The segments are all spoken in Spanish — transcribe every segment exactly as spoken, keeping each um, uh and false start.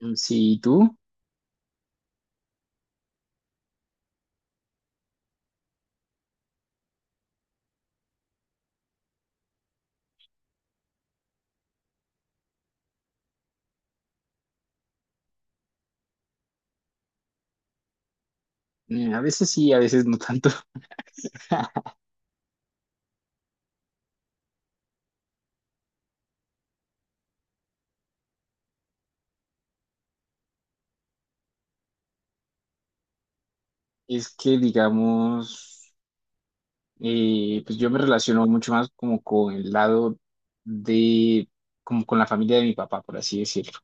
Mm, sí, ¿y tú? Eh, a veces sí, a veces no tanto. Es que, digamos, eh, pues yo me relaciono mucho más como con el lado de, como con la familia de mi papá, por así decirlo.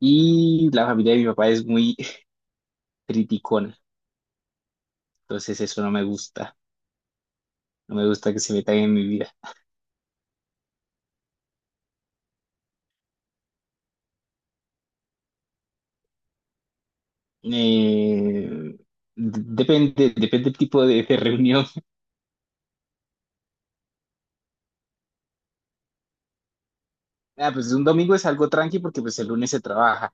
Y la familia de mi papá es muy criticona, entonces eso no me gusta, no me gusta que se metan en mi vida. Eh, d- Depende, depende del tipo de, de reunión. Ah, pues un domingo es algo tranqui porque pues el lunes se trabaja,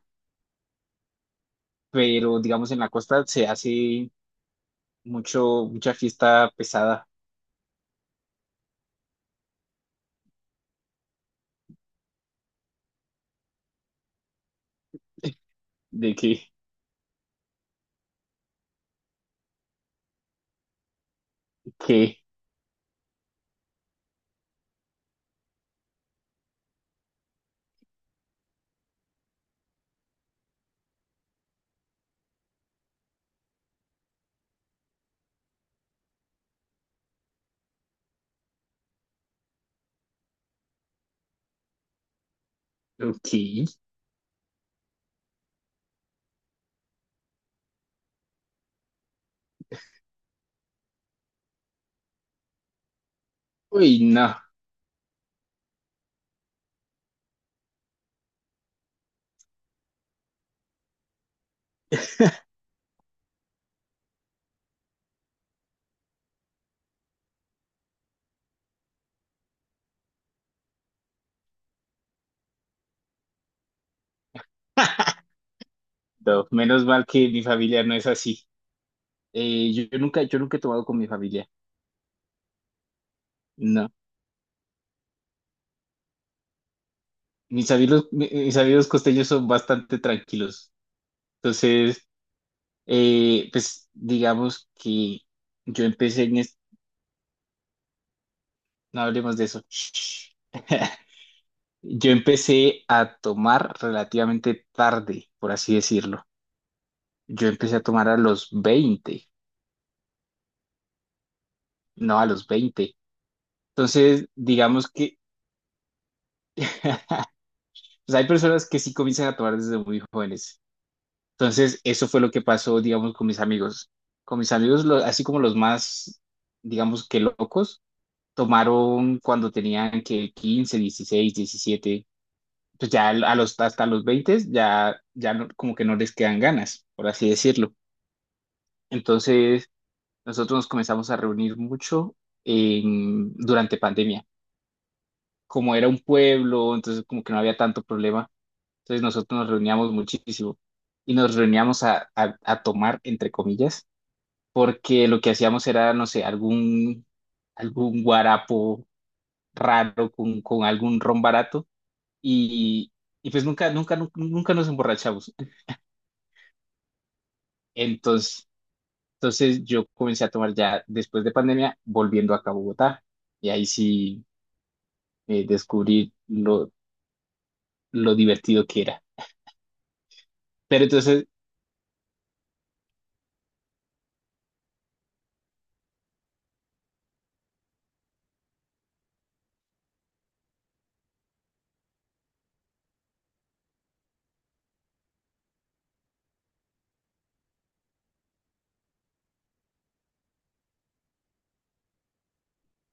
pero digamos en la costa se hace mucho, mucha fiesta pesada de que, que, ok, uy, no. No, menos mal que mi familia no es así. Eh, yo, yo nunca, yo nunca he tomado con mi familia, no. Mis amigos, mi- mis amigos costeños son bastante tranquilos. Entonces, eh, pues digamos que yo empecé en es-, no hablemos de eso. Shh. Yo empecé a tomar relativamente tarde, por así decirlo. Yo empecé a tomar a los veinte. No, a los veinte. Entonces, digamos que pues hay personas que sí comienzan a tomar desde muy jóvenes. Entonces, eso fue lo que pasó, digamos, con mis amigos. Con mis amigos, lo- así como los más, digamos que locos, tomaron cuando tenían que quince, dieciséis, diecisiete. Pues ya a los, hasta los veinte ya, ya no-, como que no les quedan ganas, por así decirlo. Entonces, nosotros nos comenzamos a reunir mucho en- durante pandemia. Como era un pueblo, entonces como que no había tanto problema. Entonces nosotros nos reuníamos muchísimo y nos reuníamos a, a- a tomar, entre comillas, porque lo que hacíamos era, no sé, algún, algún guarapo raro con, con algún ron barato y, y pues nunca, nunca, nunca, nunca nos emborrachamos. Entonces, entonces yo comencé a tomar ya después de pandemia, volviendo acá a Bogotá y ahí sí eh, descubrí lo, lo divertido que era. Pero entonces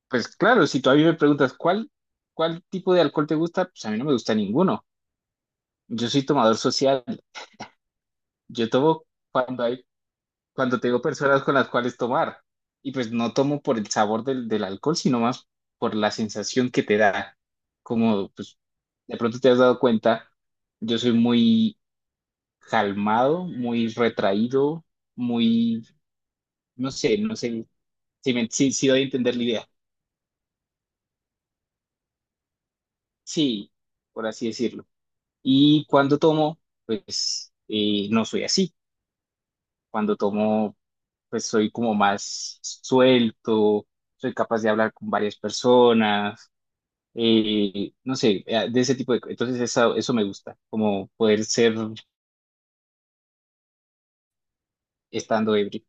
Pues claro, si todavía me preguntas cuál, cuál tipo de alcohol te gusta, pues a mí no me gusta ninguno. Yo soy tomador social. Yo tomo cuando hay, cuando tengo personas con las cuales tomar. Y pues no tomo por el sabor del, del alcohol, sino más por la sensación que te da. Como pues de pronto te has dado cuenta, yo soy muy calmado, muy retraído, muy, no sé, no sé si, me- si, si doy a entender la idea. Sí, por así decirlo. Y cuando tomo, pues eh, no soy así. Cuando tomo, pues soy como más suelto, soy capaz de hablar con varias personas, eh, no sé, eh, de ese tipo de cosas. Entonces eso, eso me gusta, como poder ser estando ebrio.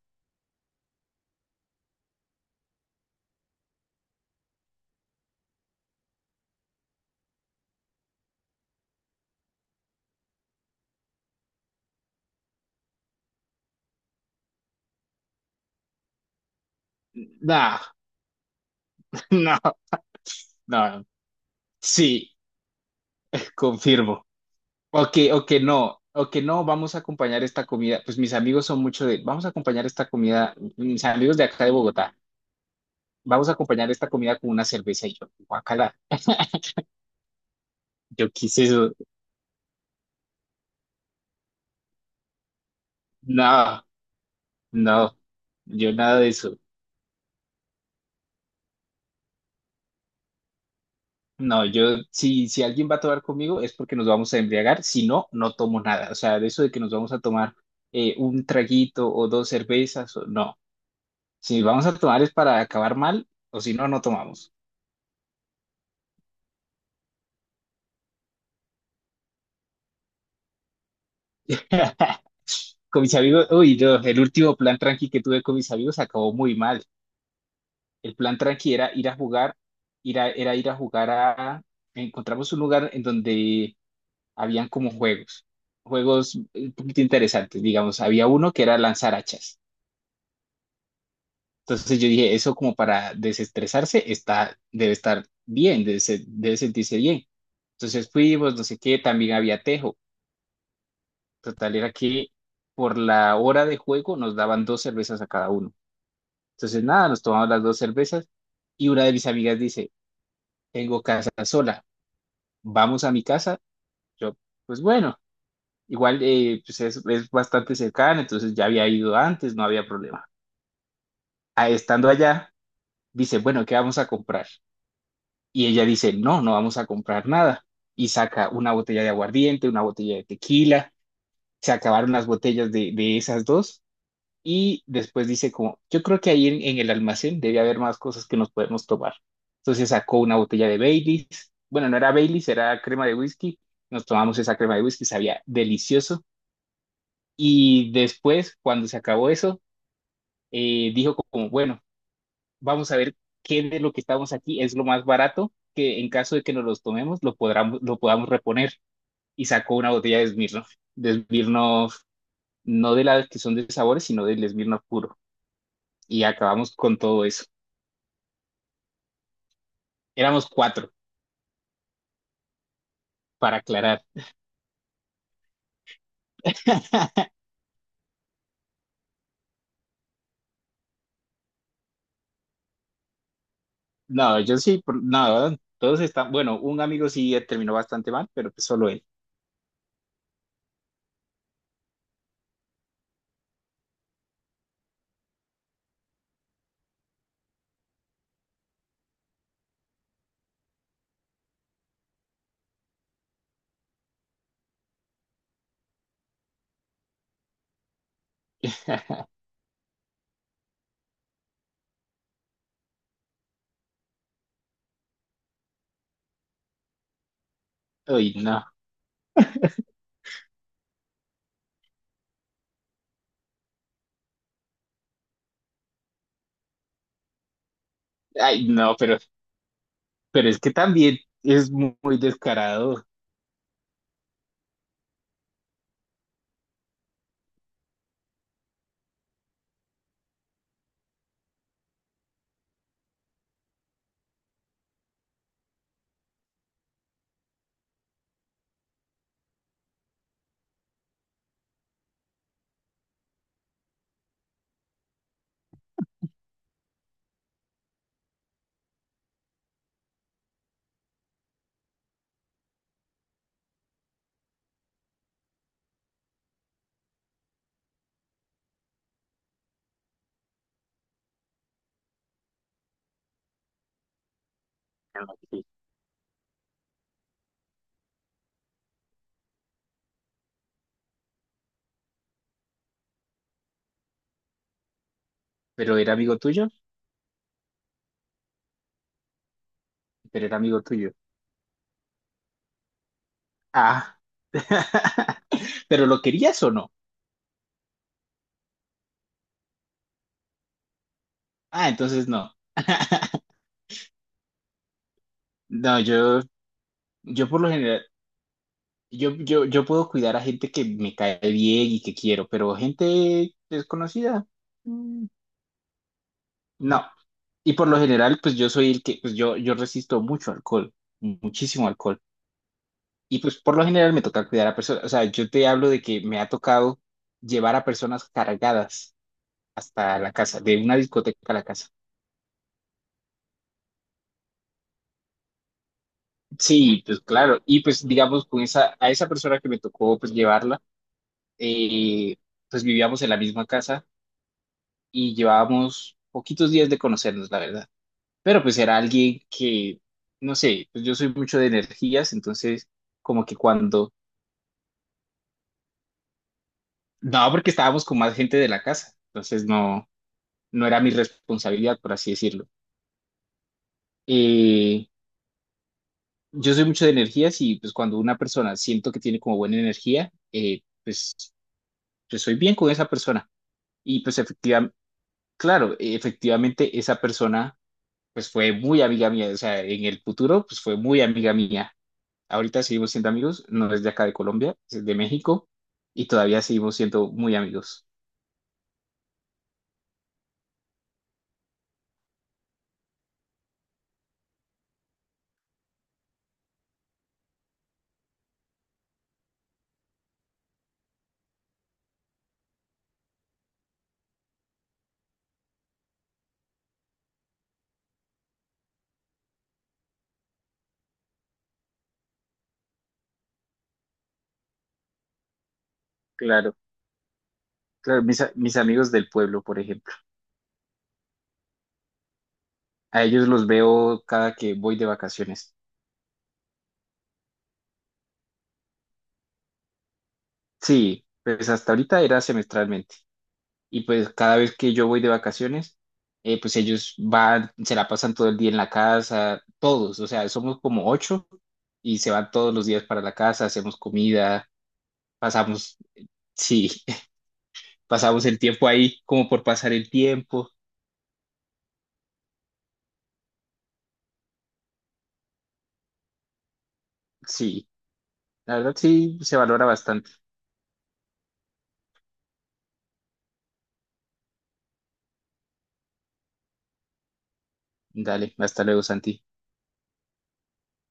Nah, no, no, sí, confirmo. O que, o que no, o que no, vamos a acompañar esta comida. Pues mis amigos son mucho de, vamos a acompañar esta comida, mis amigos de acá de Bogotá. Vamos a acompañar esta comida con una cerveza y yo, guacala. Yo quise eso. No, no, yo nada de eso. No, yo, si, si alguien va a tomar conmigo es porque nos vamos a embriagar, si no, no tomo nada. O sea, de eso de que nos vamos a tomar eh, un traguito o dos cervezas, o- no. Si vamos a tomar es para acabar mal, o si no, no tomamos. Con mis amigos, uy, no, el último plan tranqui que tuve con mis amigos acabó muy mal. El plan tranqui era ir a jugar, ir a- era ir a jugar a... Encontramos un lugar en donde habían como juegos, juegos un poquito interesantes, digamos. Había uno que era lanzar hachas. Entonces yo dije, eso como para desestresarse está, debe estar bien, debe, se- debe sentirse bien. Entonces fuimos, no sé qué, también había tejo. Total era que por la hora de juego nos daban dos cervezas a cada uno. Entonces nada, nos tomamos las dos cervezas y una de mis amigas dice, tengo casa sola. Vamos a mi casa. Yo, pues bueno, igual eh, pues es, es bastante cercana, entonces ya había ido antes, no había problema. Ah, estando allá, dice, bueno, ¿qué vamos a comprar? Y ella dice, no, no vamos a comprar nada. Y saca una botella de aguardiente, una botella de tequila, se acabaron las botellas de, de esas dos. Y después dice como, yo creo que ahí en, en el almacén debe haber más cosas que nos podemos tomar. Entonces sacó una botella de Baileys. Bueno, no era Baileys, era crema de whisky. Nos tomamos esa crema de whisky, sabía delicioso. Y después, cuando se acabó eso, eh, dijo como, bueno, vamos a ver qué de lo que estamos aquí es lo más barato, que en caso de que nos los tomemos, lo, podamos lo podamos reponer. Y sacó una botella de Smirnoff, de Smirnoff, no de las que son de sabores, sino del Smirnoff puro. Y acabamos con todo eso. Éramos cuatro, para aclarar. No, yo sí, por- no, todos están, bueno, un amigo sí eh, terminó bastante mal, pero pues solo él. Ay, no, ay, no, pero, pero es que también es mu- muy descarado. Pero era amigo tuyo, pero era amigo tuyo. Ah, pero ¿lo querías o no? Ah, entonces no. No, yo, yo por lo general, yo, yo, yo puedo cuidar a gente que me cae bien y que quiero, pero gente desconocida. Mm, no. Y por lo general, pues yo soy el que, pues yo, yo resisto mucho alcohol, muchísimo alcohol. Y pues por lo general me toca cuidar a personas. O sea, yo te hablo de que me ha tocado llevar a personas cargadas hasta la casa, de una discoteca a la casa. Sí, pues claro. Y pues digamos, con esa, a esa persona que me tocó pues llevarla, eh, pues vivíamos en la misma casa y llevábamos poquitos días de conocernos, la verdad. Pero pues era alguien que, no sé, pues yo soy mucho de energías, entonces como que cuando, no, porque estábamos con más gente de la casa, entonces no, no era mi responsabilidad, por así decirlo. Eh, yo soy mucho de energías y pues cuando una persona siento que tiene como buena energía, eh, pues, pues soy bien con esa persona. Y pues efectivamente, claro, eh, efectivamente esa persona pues fue muy amiga mía, o sea, en el futuro pues fue muy amiga mía. Ahorita seguimos siendo amigos, no es de acá de Colombia, es de México y todavía seguimos siendo muy amigos. Claro, claro, mis, a- mis amigos del pueblo, por ejemplo. A ellos los veo cada que voy de vacaciones. Sí, pues hasta ahorita era semestralmente. Y pues cada vez que yo voy de vacaciones, eh, pues ellos van, se la pasan todo el día en la casa, todos, o sea, somos como ocho y se van todos los días para la casa, hacemos comida, pasamos, sí, pasamos el tiempo ahí como por pasar el tiempo. Sí, la verdad sí se valora bastante. Dale, hasta luego, Santi.